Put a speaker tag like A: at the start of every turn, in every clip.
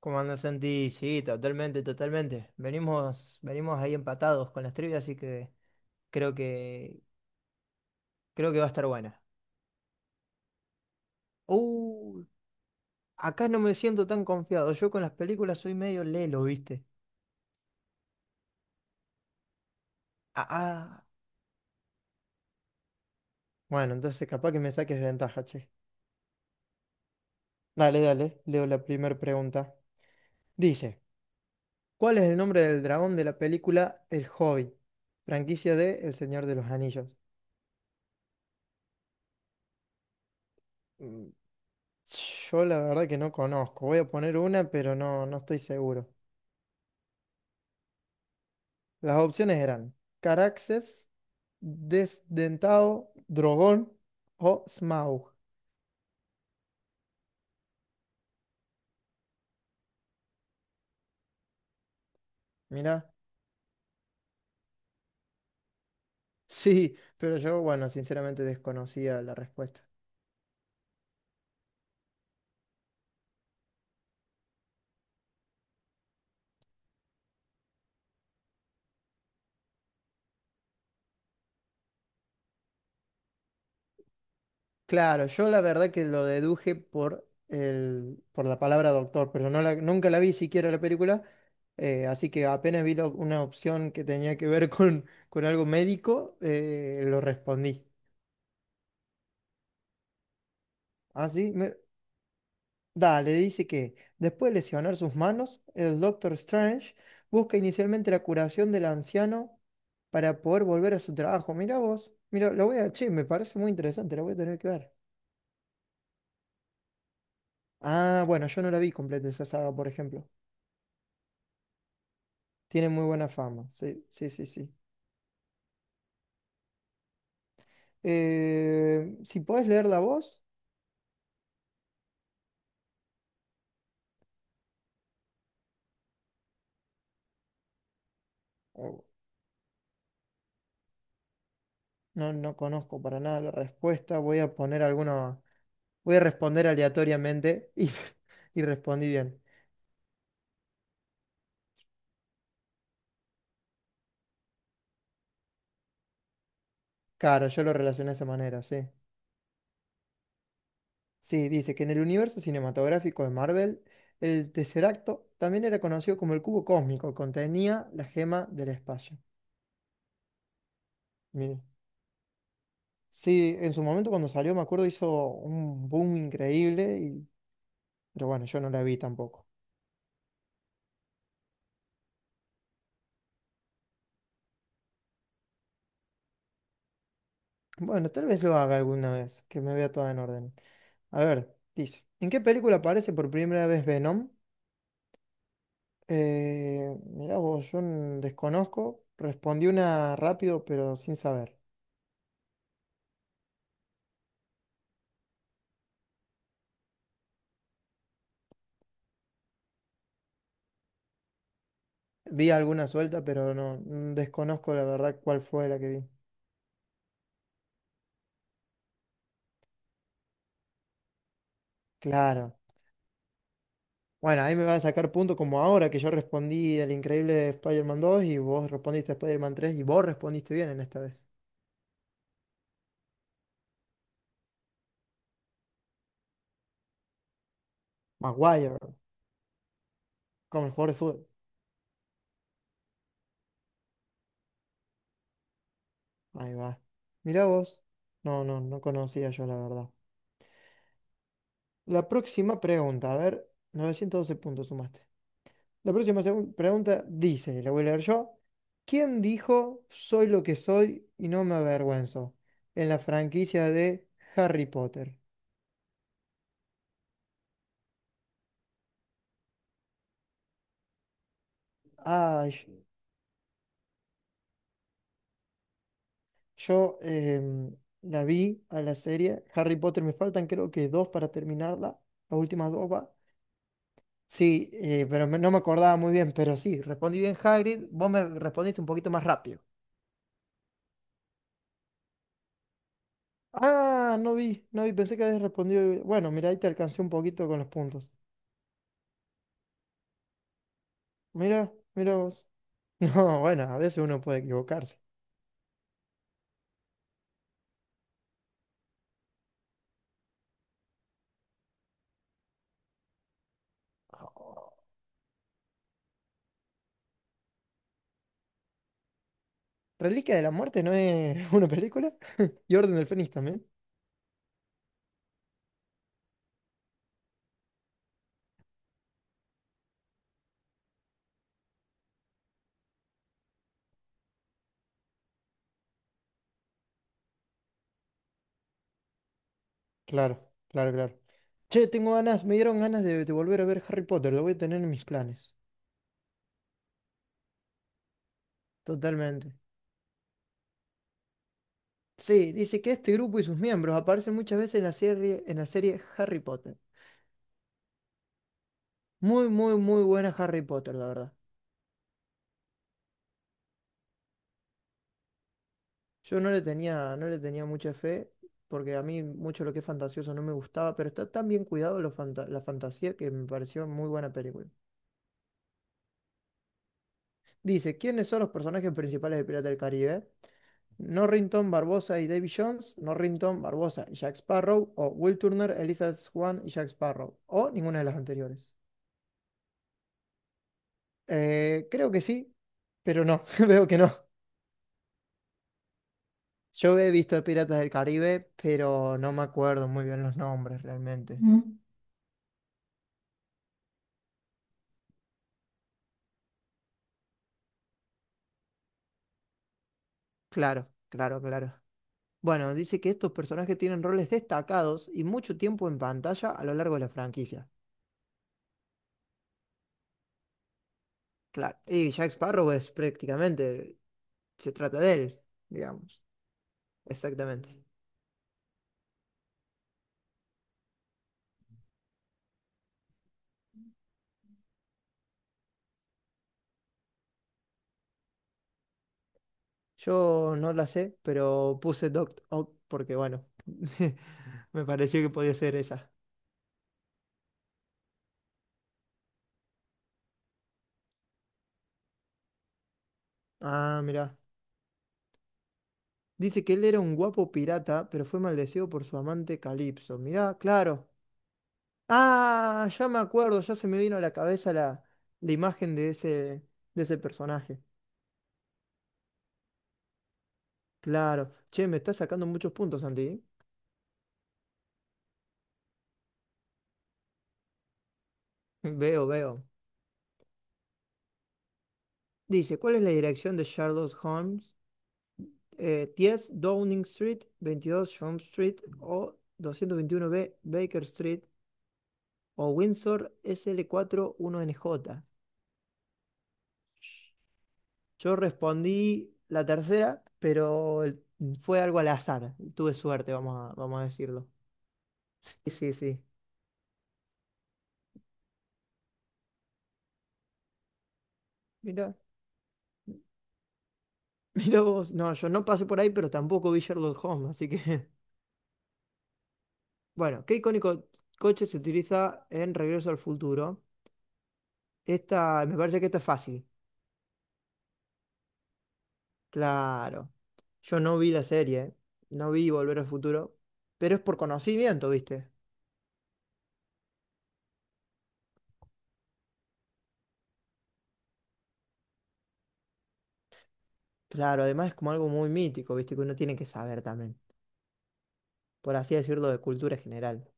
A: ¿Cómo andas, Santi? Sí, totalmente, totalmente. Venimos, venimos ahí empatados con las trivias, así que creo que creo que va a estar buena. Uh, acá no me siento tan confiado. Yo con las películas soy medio lelo, ¿viste? Ah, ah. Bueno, entonces capaz que me saques ventaja, che. Dale, dale, leo la primera pregunta. Dice, ¿cuál es el nombre del dragón de la película El Hobbit? Franquicia de El Señor de los Anillos. Mm, Yo la verdad que no conozco. Voy a poner una, pero no, no estoy seguro. Las opciones eran Caraxes, Desdentado, Drogón o Smaug. Mira, sí, pero yo, bueno, sinceramente desconocía la respuesta. Claro, yo la verdad que lo deduje por el, por la palabra doctor, pero nunca la vi siquiera la película, así que apenas vi una opción que tenía que ver con algo médico, lo respondí. Ah, sí, dale, dice que después de lesionar sus manos, el Doctor Strange busca inicialmente la curación del anciano para poder volver a su trabajo. Mirá vos, mira, lo voy a, che, me parece muy interesante, lo voy a tener que ver. Ah, bueno, yo no la vi completa esa saga, por ejemplo. Tiene muy buena fama, sí, sí, sí, sí. Si podés leer la voz, oh, no, no conozco para nada la respuesta, voy a poner alguna, voy a responder aleatoriamente y, y respondí bien. Claro, yo lo relacioné de esa manera, sí. Sí, dice que en el universo cinematográfico de Marvel, el Tesseracto también era conocido como el cubo cósmico, contenía la gema del espacio. Mire. Sí, en su momento cuando salió, me acuerdo, hizo un boom increíble, y pero bueno, yo no la vi tampoco. Bueno, tal vez lo haga alguna vez, que me vea toda en orden. A ver, dice, ¿en qué película aparece por primera vez Venom? Mirá vos, yo desconozco, respondí una rápido, pero sin saber. Vi alguna suelta, pero no, desconozco la verdad cuál fue la que vi. Claro. Bueno, ahí me va a sacar punto como ahora que yo respondí el increíble Spider-Man 2 y vos respondiste Spider-Man 3 y vos respondiste bien en esta vez. Maguire, como el jugador de fútbol. Ahí va. Mirá vos. No, no, no conocía yo la verdad. La próxima pregunta, a ver, 912 puntos sumaste. La próxima pregunta dice, la voy a leer yo. ¿Quién dijo soy lo que soy y no me avergüenzo? En la franquicia de Harry Potter. Ay, yo la vi a la serie. Harry Potter me faltan creo que dos para terminarla. Las últimas dos va. Sí, pero no me acordaba muy bien, pero sí, respondí bien Hagrid. Vos me respondiste un poquito más rápido. Ah, no vi, no vi, pensé que habías respondido. Bueno, mira, ahí te alcancé un poquito con los puntos. Mira, mira vos. No, bueno, a veces uno puede equivocarse. Oh, Reliquia de la Muerte no es una película. Y Orden del Fénix también. Claro, claro, claro. Che, tengo ganas, me dieron ganas de volver a ver Harry Potter, lo voy a tener en mis planes. Totalmente. Sí, dice que este grupo y sus miembros aparecen muchas veces en la serie Harry Potter. Muy, muy, muy buena Harry Potter, la verdad. Yo no le tenía mucha fe, porque a mí mucho lo que es fantasioso no me gustaba, pero está tan bien cuidado la fantasía que me pareció muy buena película. Dice, ¿quiénes son los personajes principales de Pirata del Caribe? Norrington, Barbosa y Davy Jones, Norrington, Barbosa y Jack Sparrow, o Will Turner, Elizabeth Swann y Jack Sparrow, o ninguna de las anteriores. Creo que sí, pero no, veo que no. Yo he visto Piratas del Caribe, pero no me acuerdo muy bien los nombres realmente. Mm. Claro, claro, claro. Bueno, dice que estos personajes tienen roles destacados y mucho tiempo en pantalla a lo largo de la franquicia. Claro, y Jack Sparrow es prácticamente se trata de él, digamos. Exactamente. Yo no la sé, pero puse Doc Ock porque, bueno, me pareció que podía ser esa. Ah, mirá. Dice que él era un guapo pirata, pero fue maldecido por su amante Calipso. Mirá, claro. Ah, ya me acuerdo, ya se me vino a la cabeza la imagen de ese personaje. Claro. Che, me está sacando muchos puntos, Santi. ¿Eh? Veo, veo. Dice, ¿cuál es la dirección de Sherlock Holmes? 10 Downing Street, 22 Shum Street o 221B Baker Street o Windsor sl N J. Yo respondí la tercera, pero fue algo al azar. Tuve suerte, vamos a decirlo. Sí, sí, sí. Mira, mira vos. No, yo no pasé por ahí, pero tampoco vi Sherlock Holmes, así que. Bueno, ¿qué icónico coche se utiliza en Regreso al Futuro? Esta, me parece que esta es fácil. Claro. Yo no vi la serie, no vi Volver al Futuro, pero es por conocimiento, ¿viste? Claro, además es como algo muy mítico, ¿viste? Que uno tiene que saber también, por así decirlo, de cultura general.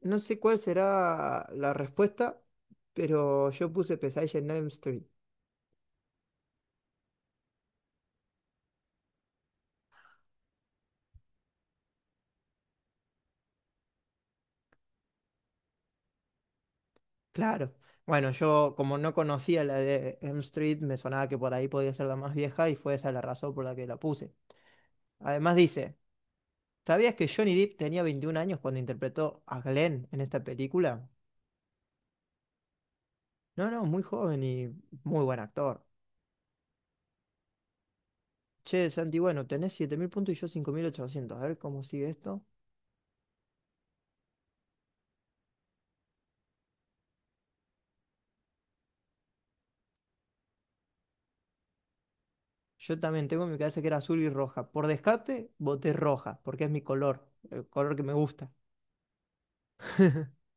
A: No sé cuál será la respuesta, pero yo puse Pesadilla en Elm Street. Claro. Bueno, yo como no conocía la de Elm Street, me sonaba que por ahí podía ser la más vieja y fue esa la razón por la que la puse. Además dice, ¿sabías que Johnny Depp tenía 21 años cuando interpretó a Glenn en esta película? No, no, muy joven y muy buen actor. Che, Santi, bueno, tenés 7.000 puntos y yo 5.800. A ver cómo sigue esto. Yo también tengo en mi cabeza que era azul y roja. Por descarte, voté roja, porque es mi color, el color que me gusta.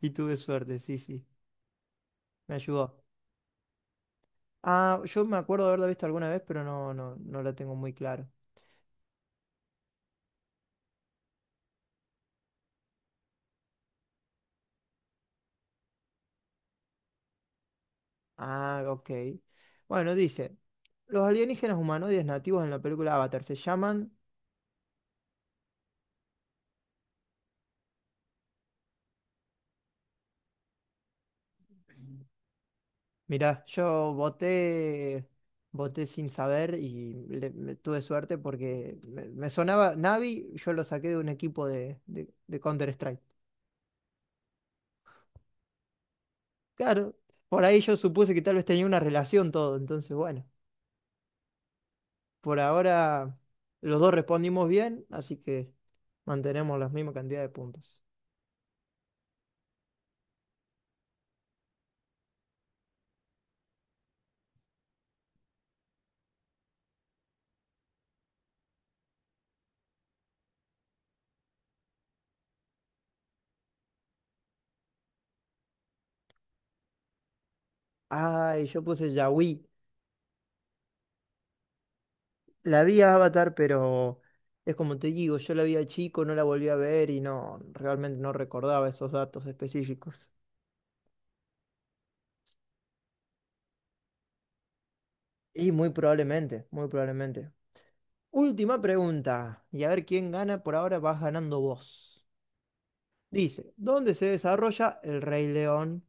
A: Y tuve suerte, sí, sí. Me ayudó. Ah, yo me acuerdo de haberla visto alguna vez, pero no, no, no la tengo muy claro. Ah, ok. Bueno, dice, los alienígenas humanoides nativos en la película Avatar se llaman. Mirá, yo voté sin saber y me tuve suerte porque me sonaba Navi, yo lo saqué de un equipo de Counter-Strike. Claro, por ahí yo supuse que tal vez tenía una relación todo, entonces bueno, por ahora los dos respondimos bien, así que mantenemos la misma cantidad de puntos. Ay, yo puse Yaoi, la vi a Avatar, pero es como te digo, yo la vi a chico, no la volví a ver y no, realmente no recordaba esos datos específicos. Y muy probablemente, muy probablemente. Última pregunta, y a ver quién gana, por ahora vas ganando vos. Dice, ¿dónde se desarrolla el Rey León?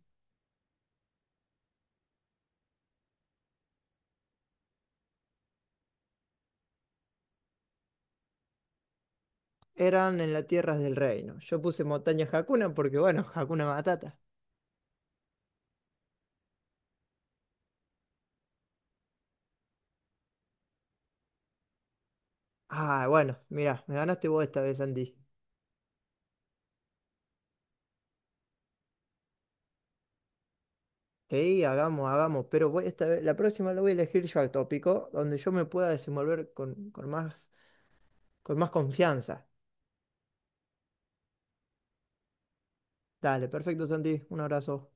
A: Eran en las tierras del reino. Yo puse montaña Hakuna porque, bueno, Hakuna Matata. Ah, bueno, mirá, me ganaste vos esta vez, Andy. Sí, hagamos, hagamos, pero esta vez, la próxima la voy a elegir yo al tópico, donde yo me pueda desenvolver con más confianza. Dale, perfecto, Santi, un abrazo.